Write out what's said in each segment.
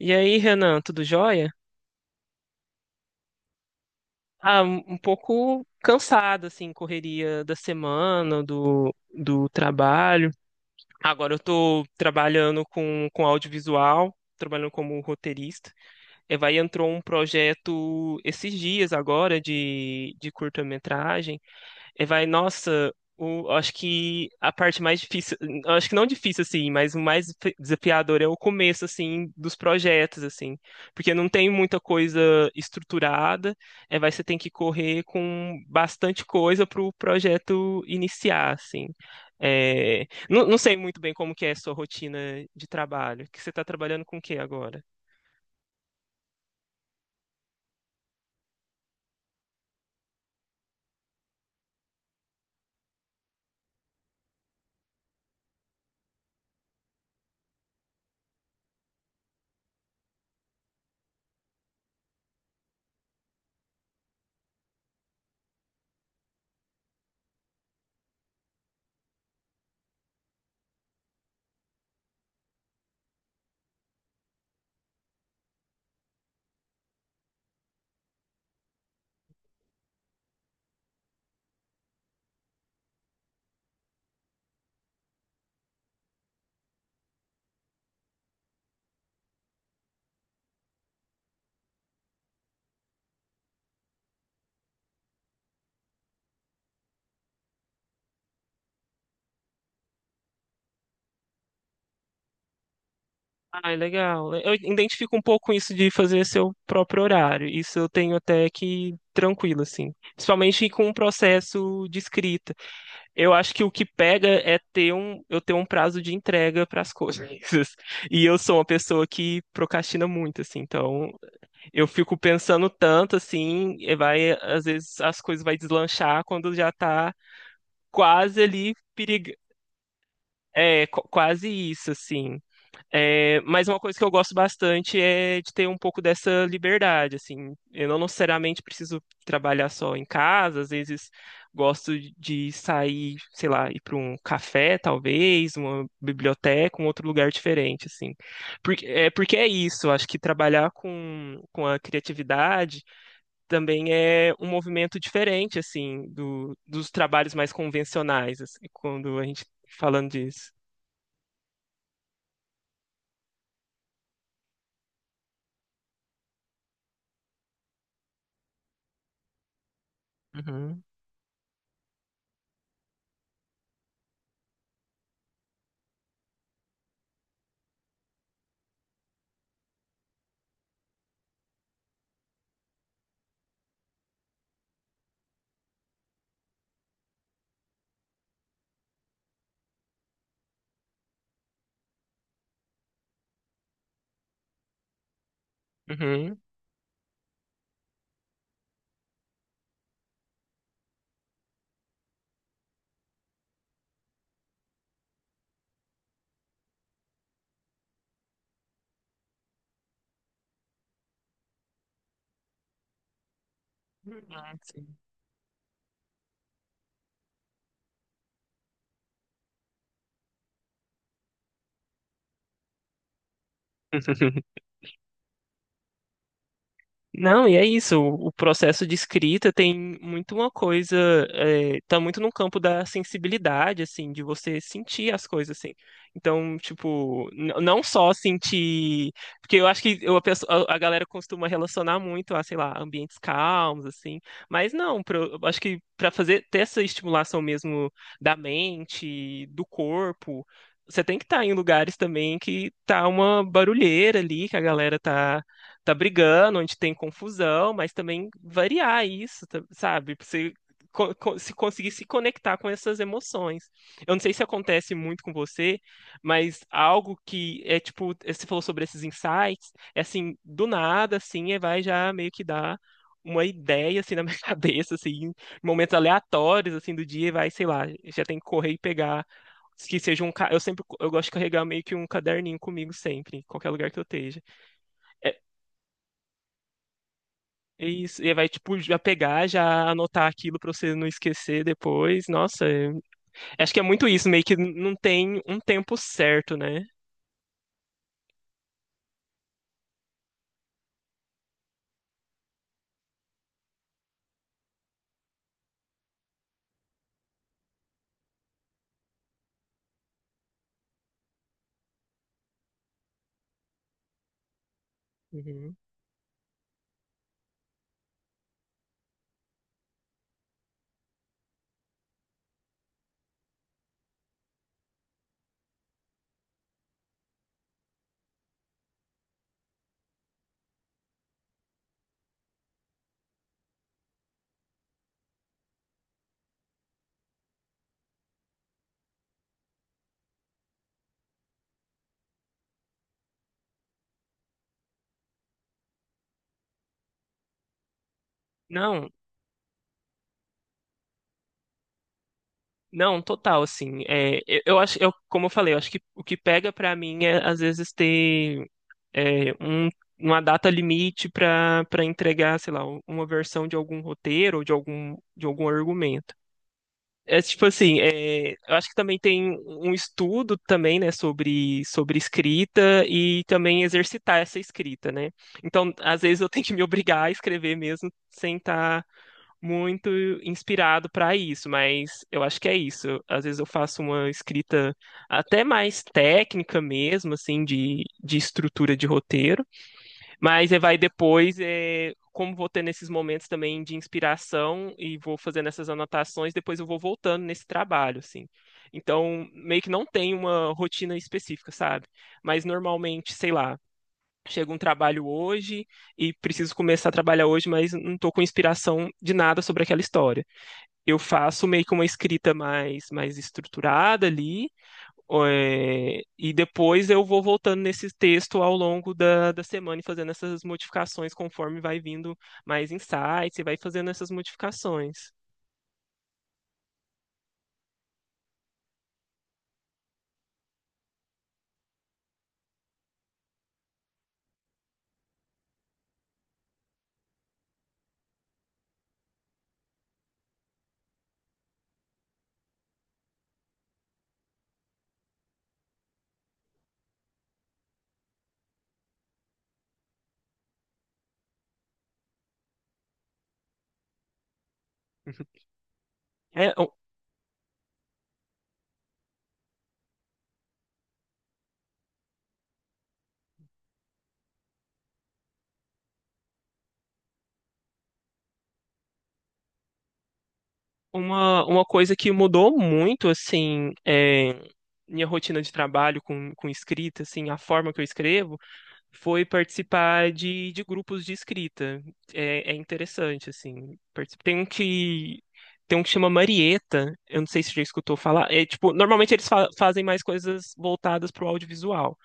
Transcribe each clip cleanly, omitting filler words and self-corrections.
E aí, Renan, tudo jóia? Um pouco cansado, assim, correria da semana, do trabalho. Agora eu tô trabalhando com audiovisual, trabalhando como roteirista. E vai Entrou um projeto esses dias agora de curta-metragem. Nossa, acho que a parte mais difícil, acho que não difícil assim, mas o mais desafiador é o começo assim dos projetos assim, porque não tem muita coisa estruturada, é, vai você tem que correr com bastante coisa para o projeto iniciar assim. Não sei muito bem como que é a sua rotina de trabalho, que você está trabalhando com o que agora? Ah, é legal. Eu identifico um pouco isso de fazer seu próprio horário. Isso eu tenho até que tranquilo, assim. Principalmente com o processo de escrita. Eu acho que o que pega é ter eu ter um prazo de entrega para as coisas. E eu sou uma pessoa que procrastina muito, assim. Então, eu fico pensando tanto, assim, às vezes as coisas vai deslanchar quando já tá quase ali perigo. É, quase isso, assim. É, mas uma coisa que eu gosto bastante é de ter um pouco dessa liberdade, assim. Eu não necessariamente preciso trabalhar só em casa, às vezes gosto de sair, sei lá, ir para um café, talvez, uma biblioteca, um outro lugar diferente, assim. Porque é isso, eu acho que trabalhar com a criatividade também é um movimento diferente, assim, dos trabalhos mais convencionais, assim, quando a gente falando disso. Uhum, uhum. Uhum, sim. Não, e é isso. O processo de escrita tem muito uma coisa, tá muito no campo da sensibilidade, assim, de você sentir as coisas, assim. Então, tipo, não só sentir, porque eu acho que eu- a, pessoa- a- galera costuma relacionar muito a, sei lá, ambientes calmos, assim. Mas não, eu acho que para fazer ter essa estimulação mesmo da mente, do corpo, você tem que estar em lugares também que tá uma barulheira ali, que a galera tá brigando, onde tem confusão, mas também variar isso, tá- sabe? Pra você se conseguir se conectar com essas emoções. Eu não sei se acontece muito com você, mas algo que é tipo, você falou sobre esses insights, é assim, do nada, assim, é, vai já meio que dar uma ideia, assim, na minha cabeça, assim, em momentos aleatórios, assim, do dia, sei lá, já tem que correr e pegar, que seja um, eu sempre, eu gosto de carregar meio que um caderninho comigo sempre, em qualquer lugar que eu esteja. É isso, tipo, já pegar, já anotar aquilo pra você não esquecer depois. Nossa, acho que é muito isso, meio que não tem um tempo certo, né? Uhum. Não, Não, total, assim, eu acho, como eu falei, eu acho que o que pega pra mim é, às vezes, ter é, um, uma data limite pra para entregar, sei lá, uma versão de algum roteiro ou de algum argumento. É tipo assim, é, eu acho que também tem um estudo também, né, sobre escrita e também exercitar essa escrita, né? Então, às vezes eu tenho que me obrigar a escrever mesmo sem estar muito inspirado para isso, mas eu acho que é isso. Às vezes eu faço uma escrita até mais técnica mesmo, assim, de estrutura de roteiro, mas como vou ter nesses momentos também de inspiração e vou fazendo essas anotações, depois eu vou voltando nesse trabalho, assim. Então, meio que não tem uma rotina específica, sabe? Mas normalmente, sei lá, chega um trabalho hoje e preciso começar a trabalhar hoje, mas não estou com inspiração de nada sobre aquela história. Eu faço meio que uma escrita mais, mais estruturada ali, é, e depois eu vou voltando nesse texto ao longo da semana e fazendo essas modificações conforme vai vindo mais insights e vai fazendo essas modificações. Uhum. É uma coisa que mudou muito, assim, é, minha rotina de trabalho com escrita, assim, a forma que eu escrevo, foi participar de grupos de escrita. É, é interessante, assim. Tem um que chama Marieta, eu não sei se você já escutou falar. É tipo, normalmente eles fazem mais coisas voltadas para o audiovisual,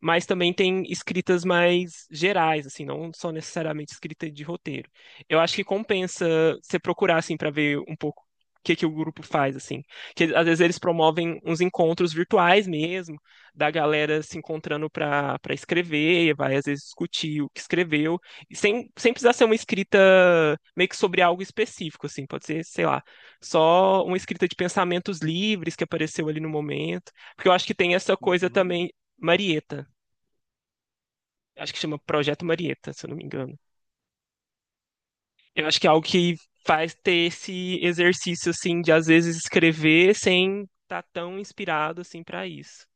mas também tem escritas mais gerais, assim, não só necessariamente escrita de roteiro. Eu acho que compensa você procurar, assim, para ver um pouco o que o grupo faz, assim. Que às vezes eles promovem uns encontros virtuais mesmo, da galera se encontrando para escrever, e vai às vezes discutir o que escreveu, e sem precisar ser uma escrita meio que sobre algo específico, assim, pode ser, sei lá, só uma escrita de pensamentos livres que apareceu ali no momento, porque eu acho que tem essa coisa também, Marieta, acho que chama Projeto Marieta, se eu não me engano. Eu acho que é algo que faz ter esse exercício assim de às vezes escrever sem estar tão inspirado assim para isso.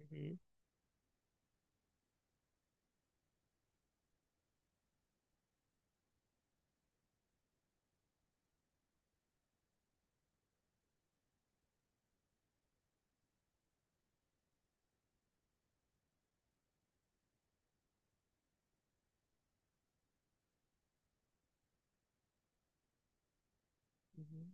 Uhum, uhum.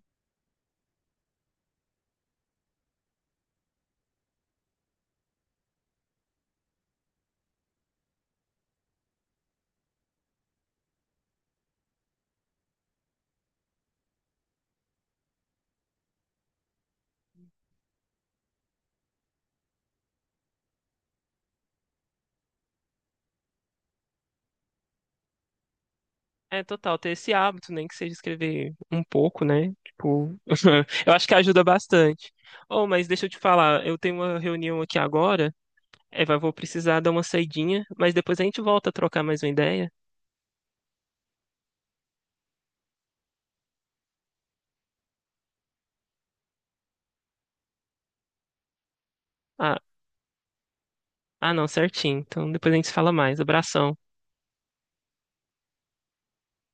É total, ter esse hábito, nem que seja escrever um pouco, né? Tipo, eu acho que ajuda bastante. Oh, mas deixa eu te falar, eu tenho uma reunião aqui agora, é, vou precisar dar uma saidinha, mas depois a gente volta a trocar mais uma ideia. Ah, não, certinho. Então depois a gente se fala mais. Abração.